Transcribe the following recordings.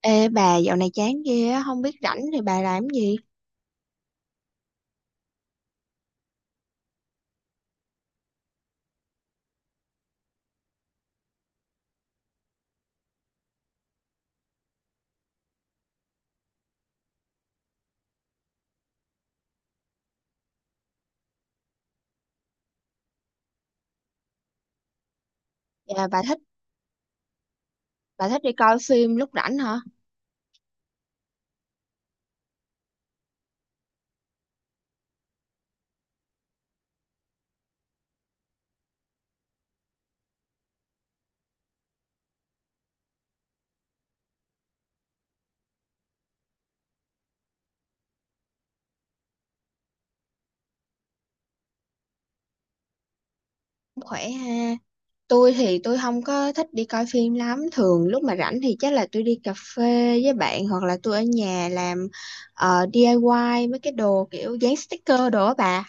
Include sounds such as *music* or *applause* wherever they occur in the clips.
Ê bà dạo này chán ghê á, không biết rảnh thì bà làm gì? Dạ, bà thích đi coi phim lúc rảnh hả? Cũng khỏe ha. Tôi thì tôi không có thích đi coi phim lắm, thường lúc mà rảnh thì chắc là tôi đi cà phê với bạn hoặc là tôi ở nhà làm DIY mấy cái đồ kiểu dán sticker đồ á bà.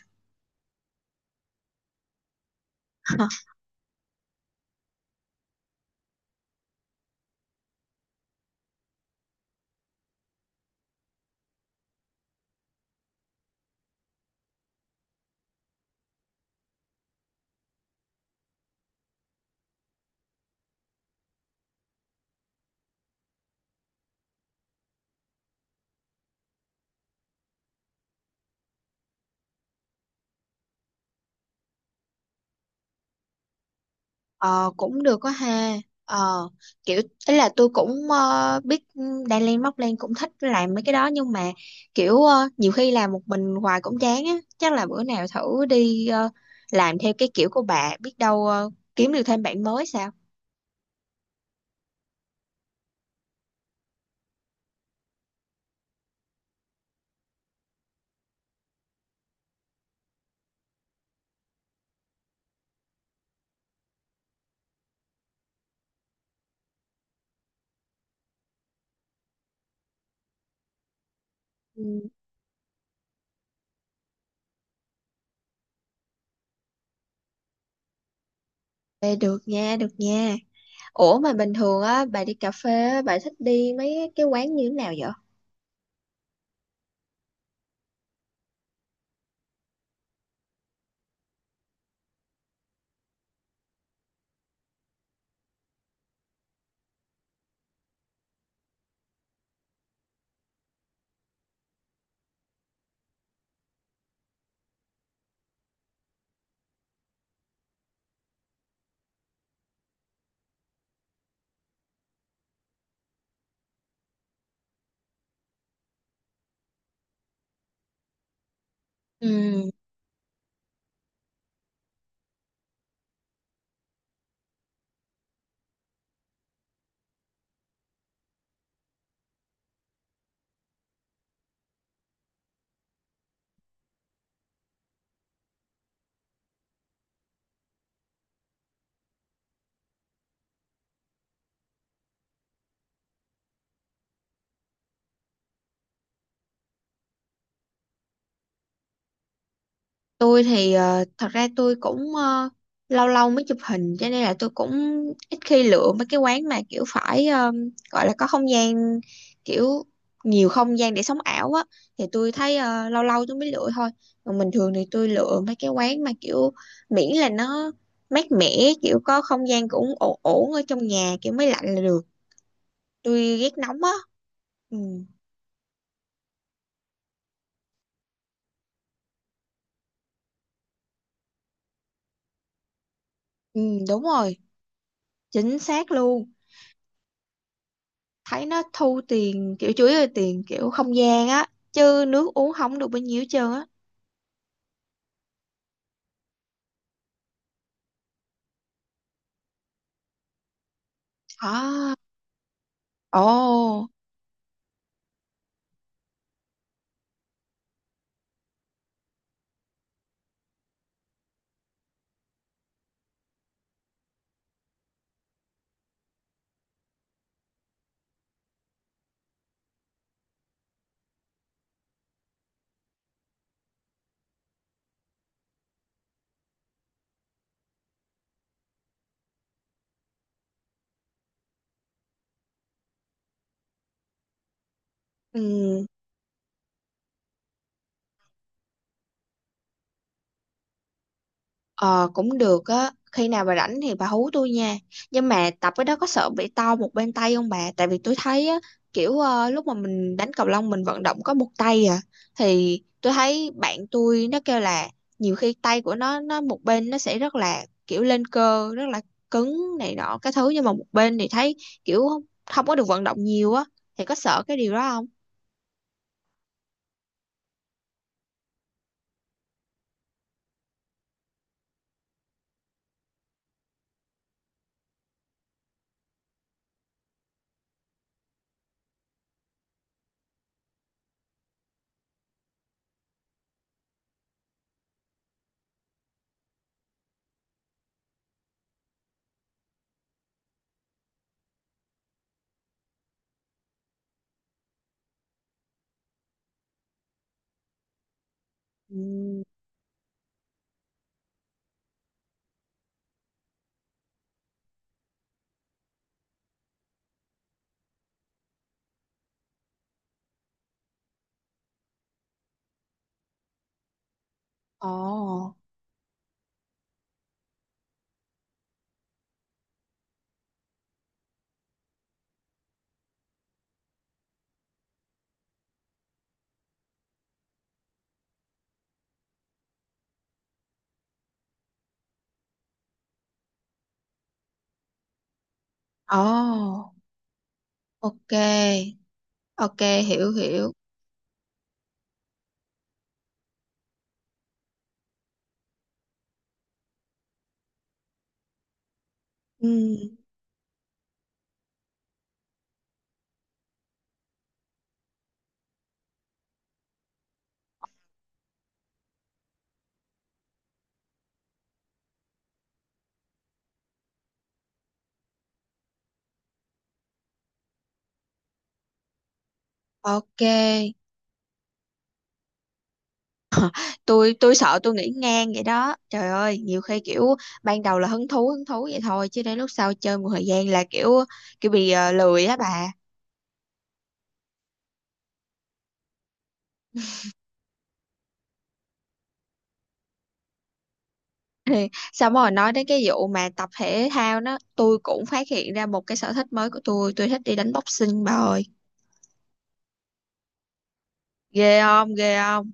Ờ cũng được có ha. Ờ, kiểu ấy là tôi cũng biết Đan Lan Móc Lan cũng thích làm mấy cái đó, nhưng mà kiểu nhiều khi làm một mình hoài cũng chán á, chắc là bữa nào thử đi làm theo cái kiểu của bà, biết đâu kiếm được thêm bạn mới sao? Ừ, vậy được nha, được nha. Ủa mà bình thường á bà đi cà phê á, bà thích đi mấy cái quán như thế nào vậy? Ừ. Tôi thì thật ra tôi cũng lâu lâu mới chụp hình, cho nên là tôi cũng ít khi lựa mấy cái quán mà kiểu phải gọi là có không gian, kiểu nhiều không gian để sống ảo á, thì tôi thấy lâu lâu tôi mới lựa thôi. Còn bình thường thì tôi lựa mấy cái quán mà kiểu miễn là nó mát mẻ, kiểu có không gian cũng ổn ổn ở trong nhà, kiểu máy lạnh là được. Tôi ghét nóng á. Ừ, ừ đúng rồi, chính xác luôn. Thấy nó thu tiền kiểu chủ yếu là tiền kiểu không gian á, chứ nước uống không được bao nhiêu hết trơn á. À, ồ, ừ. Ờ cũng được á, khi nào bà rảnh thì bà hú tôi nha. Nhưng mà tập cái đó có sợ bị to một bên tay không bà? Tại vì tôi thấy á, kiểu lúc mà mình đánh cầu lông mình vận động có một tay à, thì tôi thấy bạn tôi nó kêu là nhiều khi tay của nó một bên nó sẽ rất là kiểu lên cơ, rất là cứng này nọ cái thứ, nhưng mà một bên thì thấy kiểu không, không có được vận động nhiều á, thì có sợ cái điều đó không? Ừ. Ồ, ồ, ok. Ok, hiểu hiểu. Ừ. Ok, tôi sợ tôi nghĩ ngang vậy đó. Trời ơi, nhiều khi kiểu ban đầu là hứng thú vậy thôi, chứ đến lúc sau chơi một thời gian là kiểu kiểu bị lười á bà. *laughs* Xong rồi nói đến cái vụ mà tập thể thao đó, tôi cũng phát hiện ra một cái sở thích mới của tôi thích đi đánh boxing bà ơi. Ghê không? Ghê không?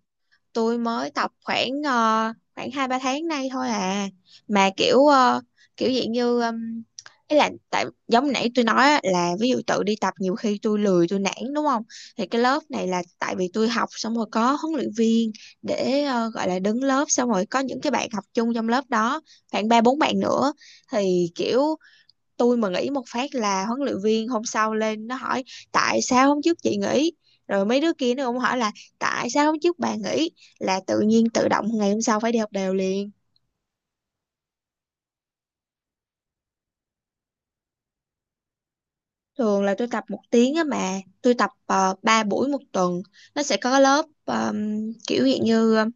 Tôi mới tập khoảng khoảng hai ba tháng nay thôi à, mà kiểu kiểu dạng như ý là tại giống nãy tôi nói á, là ví dụ tự đi tập nhiều khi tôi lười tôi nản đúng không, thì cái lớp này là tại vì tôi học xong rồi có huấn luyện viên để gọi là đứng lớp, xong rồi có những cái bạn học chung trong lớp đó, khoảng ba bốn bạn nữa, thì kiểu tôi mà nghỉ một phát là huấn luyện viên hôm sau lên nó hỏi tại sao hôm trước chị nghỉ, rồi mấy đứa kia nó cũng hỏi là tại sao hôm trước bà nghỉ, là tự nhiên tự động ngày hôm sau phải đi học đều liền. Thường là tôi tập một tiếng á, mà tôi tập 3 buổi một tuần. Nó sẽ có lớp kiểu dạng như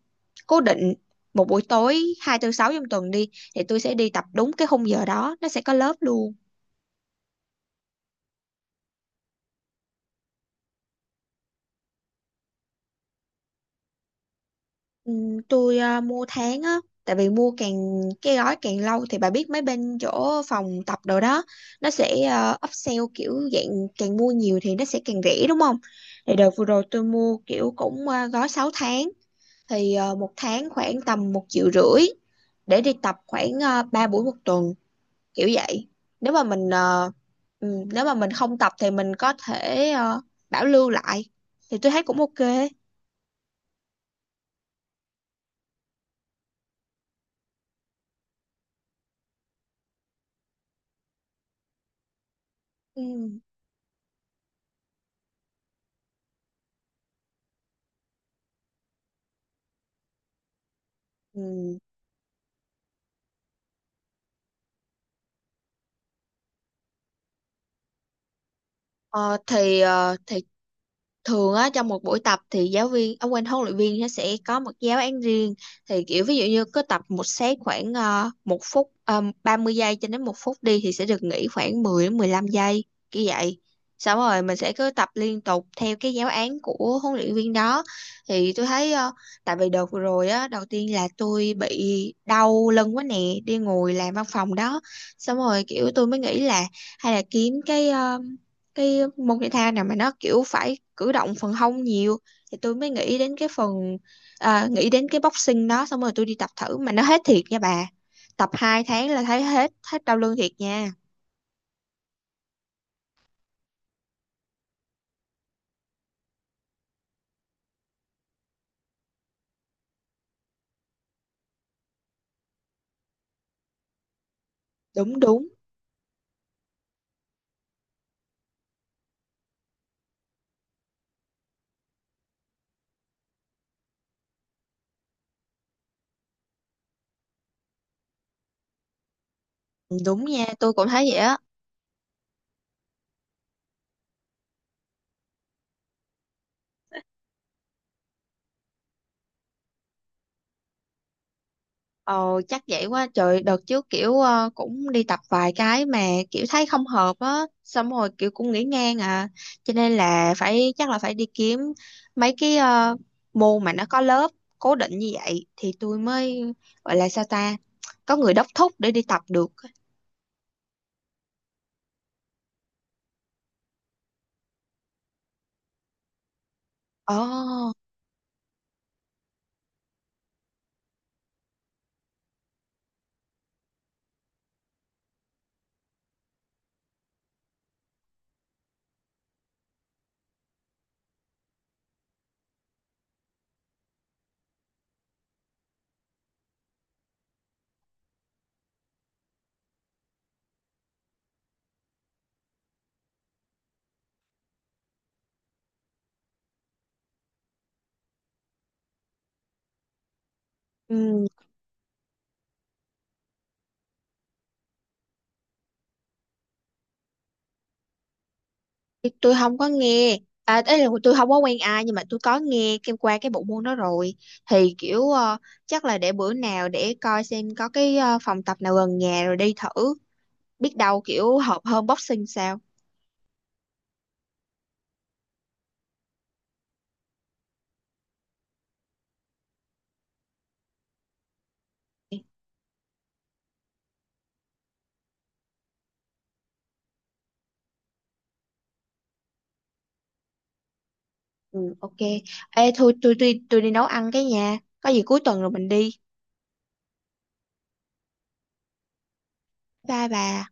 cố định một buổi tối hai tư sáu trong tuần đi, thì tôi sẽ đi tập đúng cái khung giờ đó nó sẽ có lớp luôn. Ừ, tôi mua tháng á, tại vì mua càng cái gói càng lâu thì bà biết mấy bên chỗ phòng tập đồ đó nó sẽ upsell kiểu dạng càng mua nhiều thì nó sẽ càng rẻ đúng không, thì đợt vừa rồi tôi mua kiểu cũng gói 6 tháng, thì một tháng khoảng tầm một triệu rưỡi để đi tập khoảng 3 buổi một tuần kiểu vậy. Nếu mà mình ừ, nếu mà mình không tập thì mình có thể bảo lưu lại, thì tôi thấy cũng ok. Ừ. Ừ. Ờ, thì thường á trong một buổi tập thì giáo viên, ông quên, huấn luyện viên nó sẽ có một giáo án riêng, thì kiểu ví dụ như cứ tập một set khoảng một phút 30 giây cho đến một phút đi thì sẽ được nghỉ khoảng 10 đến 15 giây như vậy, xong rồi mình sẽ cứ tập liên tục theo cái giáo án của huấn luyện viên đó. Thì tôi thấy tại vì đợt vừa rồi á đầu tiên là tôi bị đau lưng quá nè, đi ngồi làm văn phòng đó, xong rồi kiểu tôi mới nghĩ là hay là kiếm cái cái môn thể thao nào mà nó kiểu phải cử động phần hông nhiều, thì tôi mới nghĩ đến cái phần à, nghĩ đến cái boxing đó, xong rồi tôi đi tập thử mà nó hết thiệt nha bà. Tập 2 tháng là thấy hết hết đau lưng thiệt nha. Đúng đúng, đúng nha tôi cũng thấy vậy á. Ồ chắc vậy, quá trời đợt trước kiểu cũng đi tập vài cái mà kiểu thấy không hợp á, xong rồi kiểu cũng nghỉ ngang à. Cho nên là phải, chắc là phải đi kiếm mấy cái môn mà nó có lớp cố định như vậy thì tôi mới gọi là sao ta, có người đốc thúc để đi tập được. Ồ. Thì tôi không có nghe, à ấy là tôi không có quen ai, nhưng mà tôi có nghe cái qua cái bộ môn đó rồi, thì kiểu chắc là để bữa nào để coi xem có cái phòng tập nào gần nhà rồi đi thử, biết đâu kiểu hợp hơn boxing sao. Ừ ok. Ê thôi, tôi đi nấu ăn cái nha, có gì cuối tuần rồi mình đi. Bye bà.